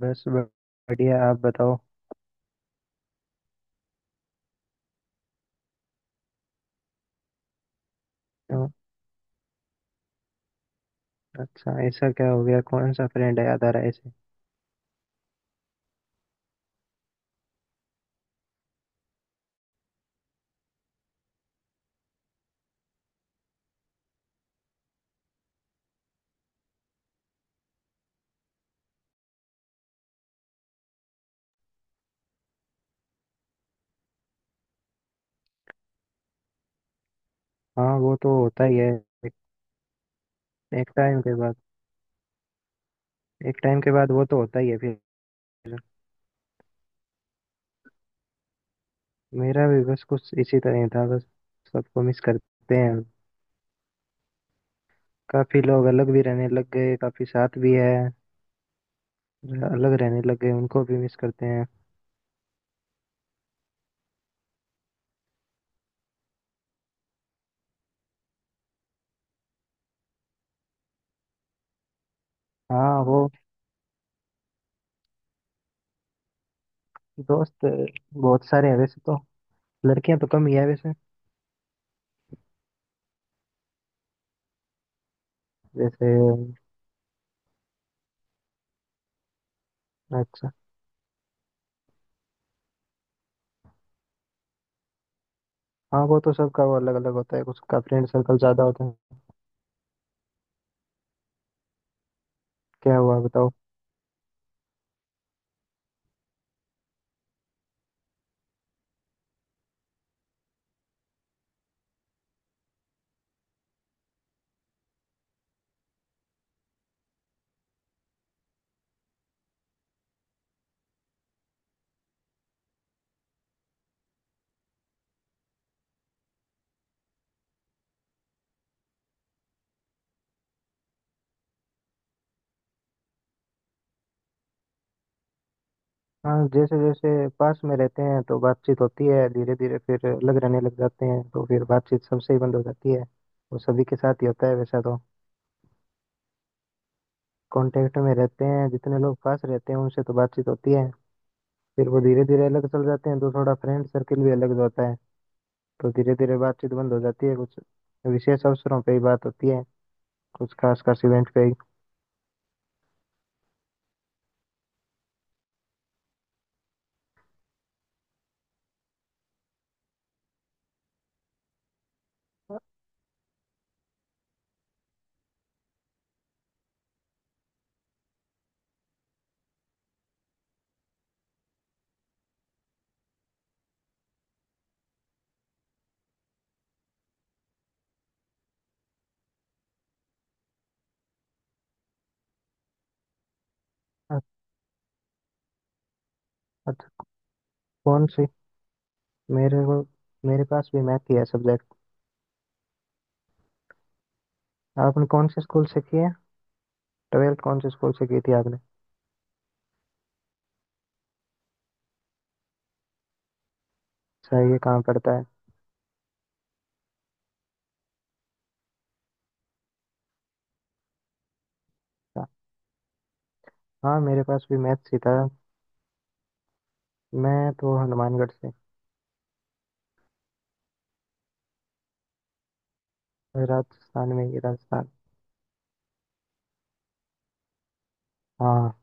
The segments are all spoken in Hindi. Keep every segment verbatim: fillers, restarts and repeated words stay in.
बस ब- बढ़िया। आप बताओ। क्यों? अच्छा, ऐसा क्या हो गया? कौन सा फ्रेंड है याद आ रहा है ऐसे? हाँ वो तो होता ही है। एक, एक टाइम के बाद एक टाइम के बाद वो तो होता ही है फिर। मेरा भी बस कुछ इसी तरह ही था। बस सबको मिस करते हैं। काफी लोग अलग भी रहने लग गए, काफी साथ भी है। अलग रहने लग गए उनको भी मिस करते हैं। हाँ वो दोस्त बहुत सारे हैं वैसे तो। लड़कियां तो कम ही है वैसे। जैसे। अच्छा। हाँ वो तो सबका वो अलग अलग होता है। उसका फ्रेंड सर्कल ज्यादा होता है। क्या हुआ बताओ? हाँ, जैसे जैसे पास में रहते हैं तो बातचीत होती है, धीरे धीरे फिर अलग रहने लग जाते हैं तो फिर बातचीत सबसे ही बंद हो जाती है। वो सभी के साथ ही होता है वैसा तो। कांटेक्ट में रहते हैं, जितने लोग पास रहते हैं उनसे तो बातचीत होती है। फिर वो धीरे धीरे अलग चल जाते हैं तो थोड़ा फ्रेंड सर्किल भी अलग होता है। तो धीरे धीरे बातचीत बंद हो जाती है। कुछ विशेष अवसरों पे ही बात होती है, कुछ खास खास इवेंट पे ही। अ- अच्छा, कौन सी, मेरे को, मेरे पास भी मैथ ही है सब्जेक्ट। आपने कौन से स्कूल से किया? ट्वेल्थ कौन से स्कूल से की थी आपने? सही है, कहाँ पड़ता है? अच्छा। हाँ मेरे पास भी मैथ्स ही था। मैं तो हनुमानगढ़ से। राजस्थान में ही, राजस्थान। हाँ।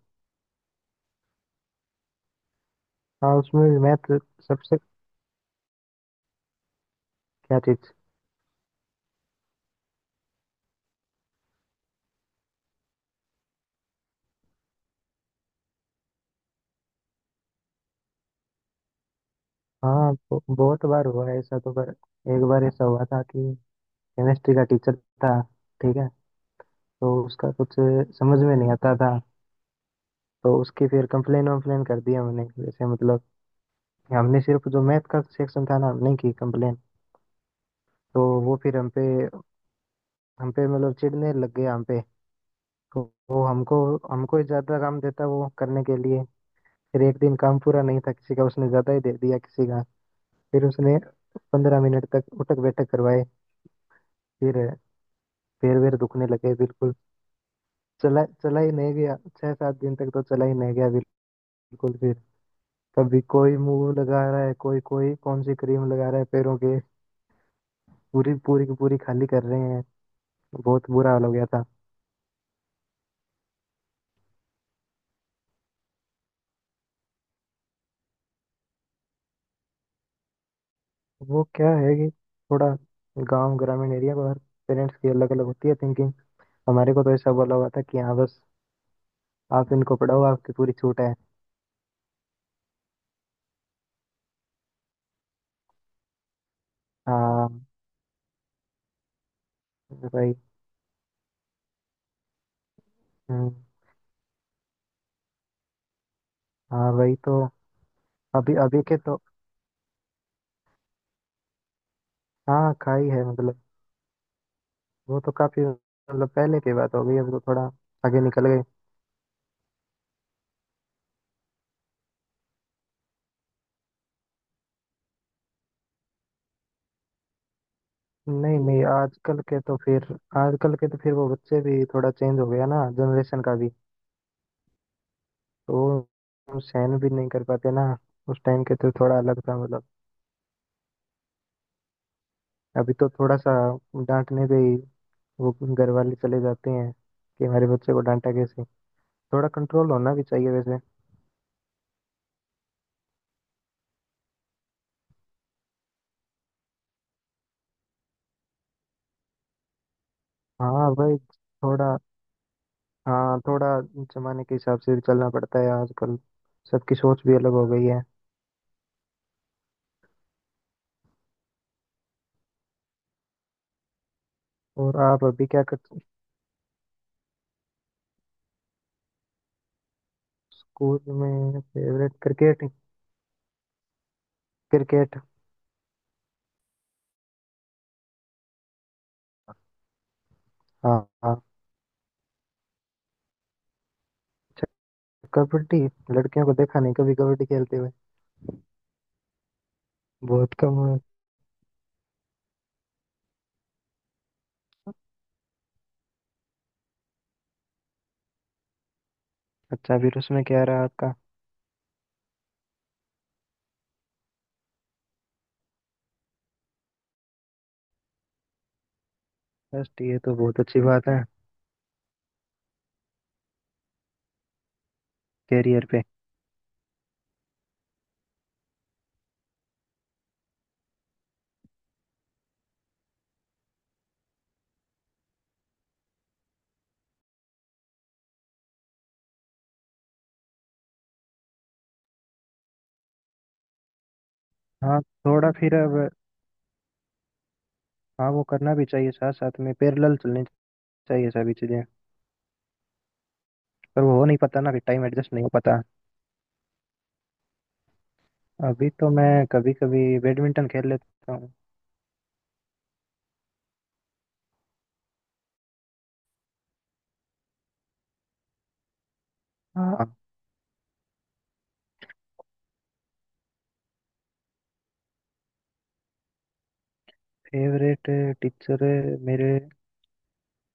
हाँ, उसमें भी मैथ सबसे। क्या चीज? हाँ ब- बहुत बार हुआ है ऐसा तो, पर एक बार ऐसा हुआ था कि केमिस्ट्री का टीचर था, ठीक है। तो उसका कुछ समझ में नहीं आता था, तो उसकी फिर कंप्लेन वम्प्लेन कर दी हमने। जैसे मतलब हमने सिर्फ जो मैथ का सेक्शन था ना, हमने की कंप्लेन। तो वो फिर हम पे हम पे मतलब चिढ़ने लग गए हम पे। तो वो हमको हमको ही ज्यादा काम देता वो करने के लिए। फिर एक दिन काम पूरा नहीं था किसी का, उसने ज्यादा ही दे दिया किसी का। फिर उसने पंद्रह मिनट तक उठक बैठक करवाए। फिर पैर वैर दुखने लगे बिल्कुल, चला चला ही नहीं गया, छह सात दिन तक तो चला ही नहीं गया बिल्कुल। फिर कभी कोई मुंह लगा रहा है, कोई कोई कौन सी क्रीम लगा रहा है पैरों के, पूरी पूरी की पूरी खाली कर रहे हैं। बहुत बुरा हाल हो गया था। वो क्या है कि थोड़ा गांव ग्रामीण एरिया पर पेरेंट्स की अलग अलग होती है थिंकिंग। हमारे को तो ऐसा बोला हुआ था कि हाँ बस आप इनको पढ़ाओ, आपकी पूरी छूट है। हाँ भाई। हम्म। हाँ भाई तो, अभी अभी के तो, हाँ खाई है मतलब। वो तो काफी मतलब पहले की बात हो गई, अब तो थोड़ा आगे निकल गए। नहीं नहीं, आजकल के तो फिर, आजकल के तो फिर वो बच्चे भी थोड़ा चेंज हो गया ना जनरेशन का भी, तो वो सहन भी नहीं कर पाते ना। उस टाइम के तो थोड़ा अलग था मतलब, अभी तो थोड़ा सा डांटने पे ही वो घर वाले चले जाते हैं कि हमारे बच्चे को डांटा कैसे। थोड़ा कंट्रोल होना भी चाहिए वैसे। हाँ भाई। थोड़ा, हाँ थोड़ा जमाने के हिसाब से भी चलना पड़ता है आजकल। सबकी सोच भी अलग हो गई है। और आप अभी क्या करते? स्कूल में फेवरेट क्रिकेट। क्रिकेट। हाँ। हाँ। अच्छा। कबड्डी, लड़कियों को देखा नहीं कभी कबड्डी खेलते हुए। बहुत कम हुए। अच्छा, फिर उसमें क्या रहा आपका? फर्स्ट, ये तो बहुत अच्छी बात है। कैरियर पे। हाँ, थोड़ा फिर अब, हाँ वो करना भी चाहिए, साथ साथ में पैरेलल चलनी चाहिए सभी चीजें। पर वो हो नहीं पाता ना कि टाइम एडजस्ट नहीं हो पाता। अभी तो मैं कभी कभी बैडमिंटन खेल लेता हूँ। हाँ। फेवरेट टीचर मेरे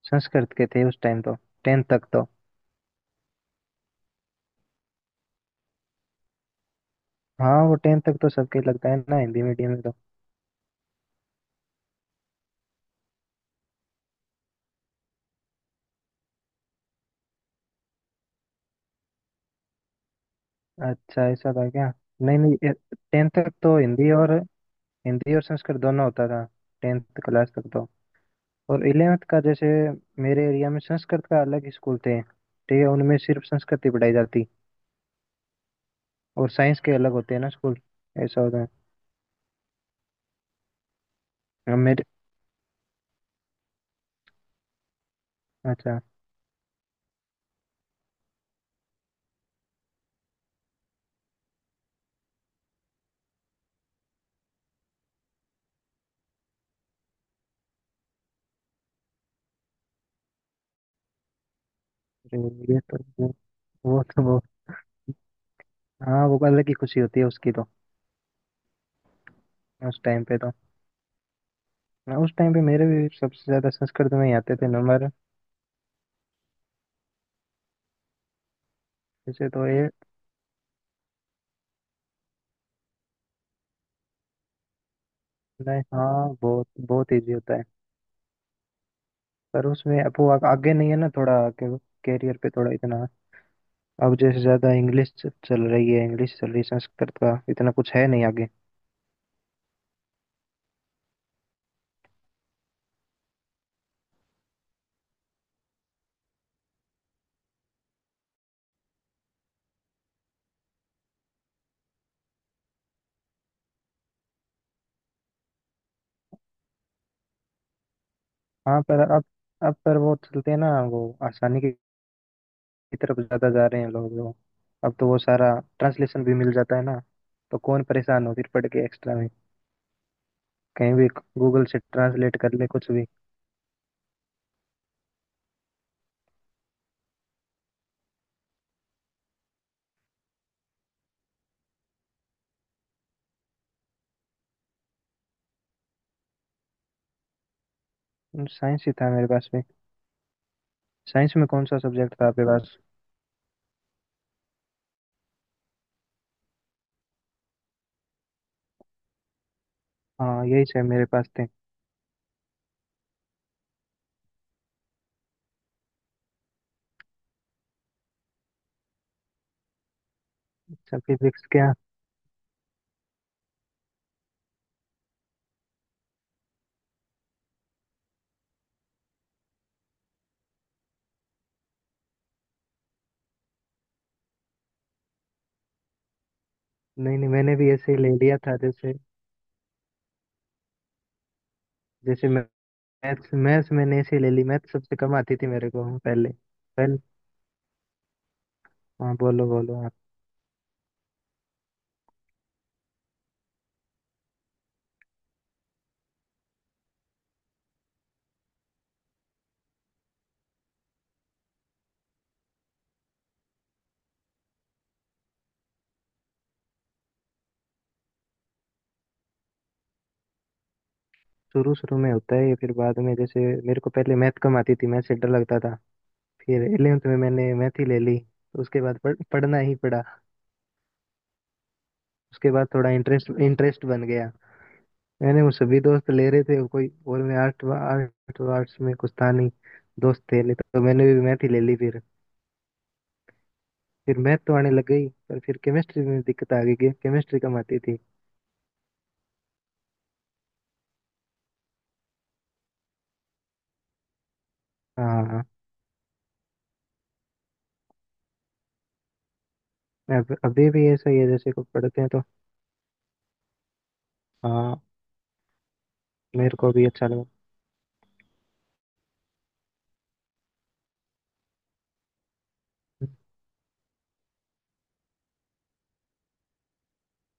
संस्कृत के थे उस टाइम तो, टेंथ तक तो। हाँ वो टेंथ तक तो सबके लगता है ना हिंदी मीडियम में तो। अच्छा, ऐसा था क्या? नहीं नहीं, टेंथ तक तो हिंदी और, हिंदी और संस्कृत दोनों होता था टेंथ क्लास तक तो। और इलेवेंथ का जैसे, मेरे एरिया में संस्कृत का अलग ही स्कूल थे, ठीक है, उनमें सिर्फ संस्कृत ही पढ़ाई जाती। और साइंस के अलग होते हैं ना स्कूल, ऐसा होता है। अब मेरे, अच्छा। अरे ये तो, वो तो वो, हाँ वो अलग ही खुशी होती है उसकी तो, उस टाइम पे तो। ना उस टाइम पे मेरे भी सबसे ज्यादा संस्कृत में ही आते थे नंबर। जैसे तो ये, नहीं हाँ बहुत बहुत इजी होता है। पर उसमें अब वो आ, आगे नहीं है ना थोड़ा के, कैरियर पे थोड़ा इतना। अब जैसे ज्यादा इंग्लिश च- चल रही है, इंग्लिश चल रही है, संस्कृत का इतना कुछ है नहीं आगे। हाँ पर अब अब पर वो चलते हैं ना वो आसानी की की तरफ ज्यादा जा रहे हैं लोग वो। अब तो वो सारा ट्रांसलेशन भी मिल जाता है ना, तो कौन परेशान हो फिर पढ़ के एक्स्ट्रा में। कहीं भी गूगल से ट्रांसलेट कर ले कुछ भी। साइंस ही था मेरे पास में। साइंस में कौन सा सब्जेक्ट था आपके पास? हाँ यही से मेरे पास थे। अच्छा, फिजिक्स क्या? नहीं नहीं, मैंने भी ऐसे ही ले लिया था। जैसे जैसे, मैथ्स मैथ्स मैंने ऐसे ही ले ली, मैथ्स सबसे कम आती थी मेरे को। हाँ, पहले पहले। हाँ बोलो बोलो आप। शुरू शुरू में होता है ये, फिर बाद में जैसे मेरे को पहले मैथ कम आती थी, मैथ से डर लगता था, फिर इलेवेंथ में मैंने मैथ ही ले ली तो उसके बाद पढ़, पढ़ना ही पड़ा। उसके बाद थोड़ा इंटरेस्ट इंटरेस्ट बन गया। मैंने वो सभी दोस्त ले रहे थे कोई और, मैं आर्ट आर्ट आर्ट्स में कुछ था नहीं, दोस्त थे नहीं तो मैंने भी मैथ ही ले ली फिर। फिर मैथ तो आने लग गई, पर फिर केमिस्ट्री में दिक्कत आ गई कि केमिस्ट्री कम आती थी। हाँ, अब अभी भी ऐसा ही है जैसे को पढ़ते हैं तो। हाँ। मेरे को भी अच्छा लगा।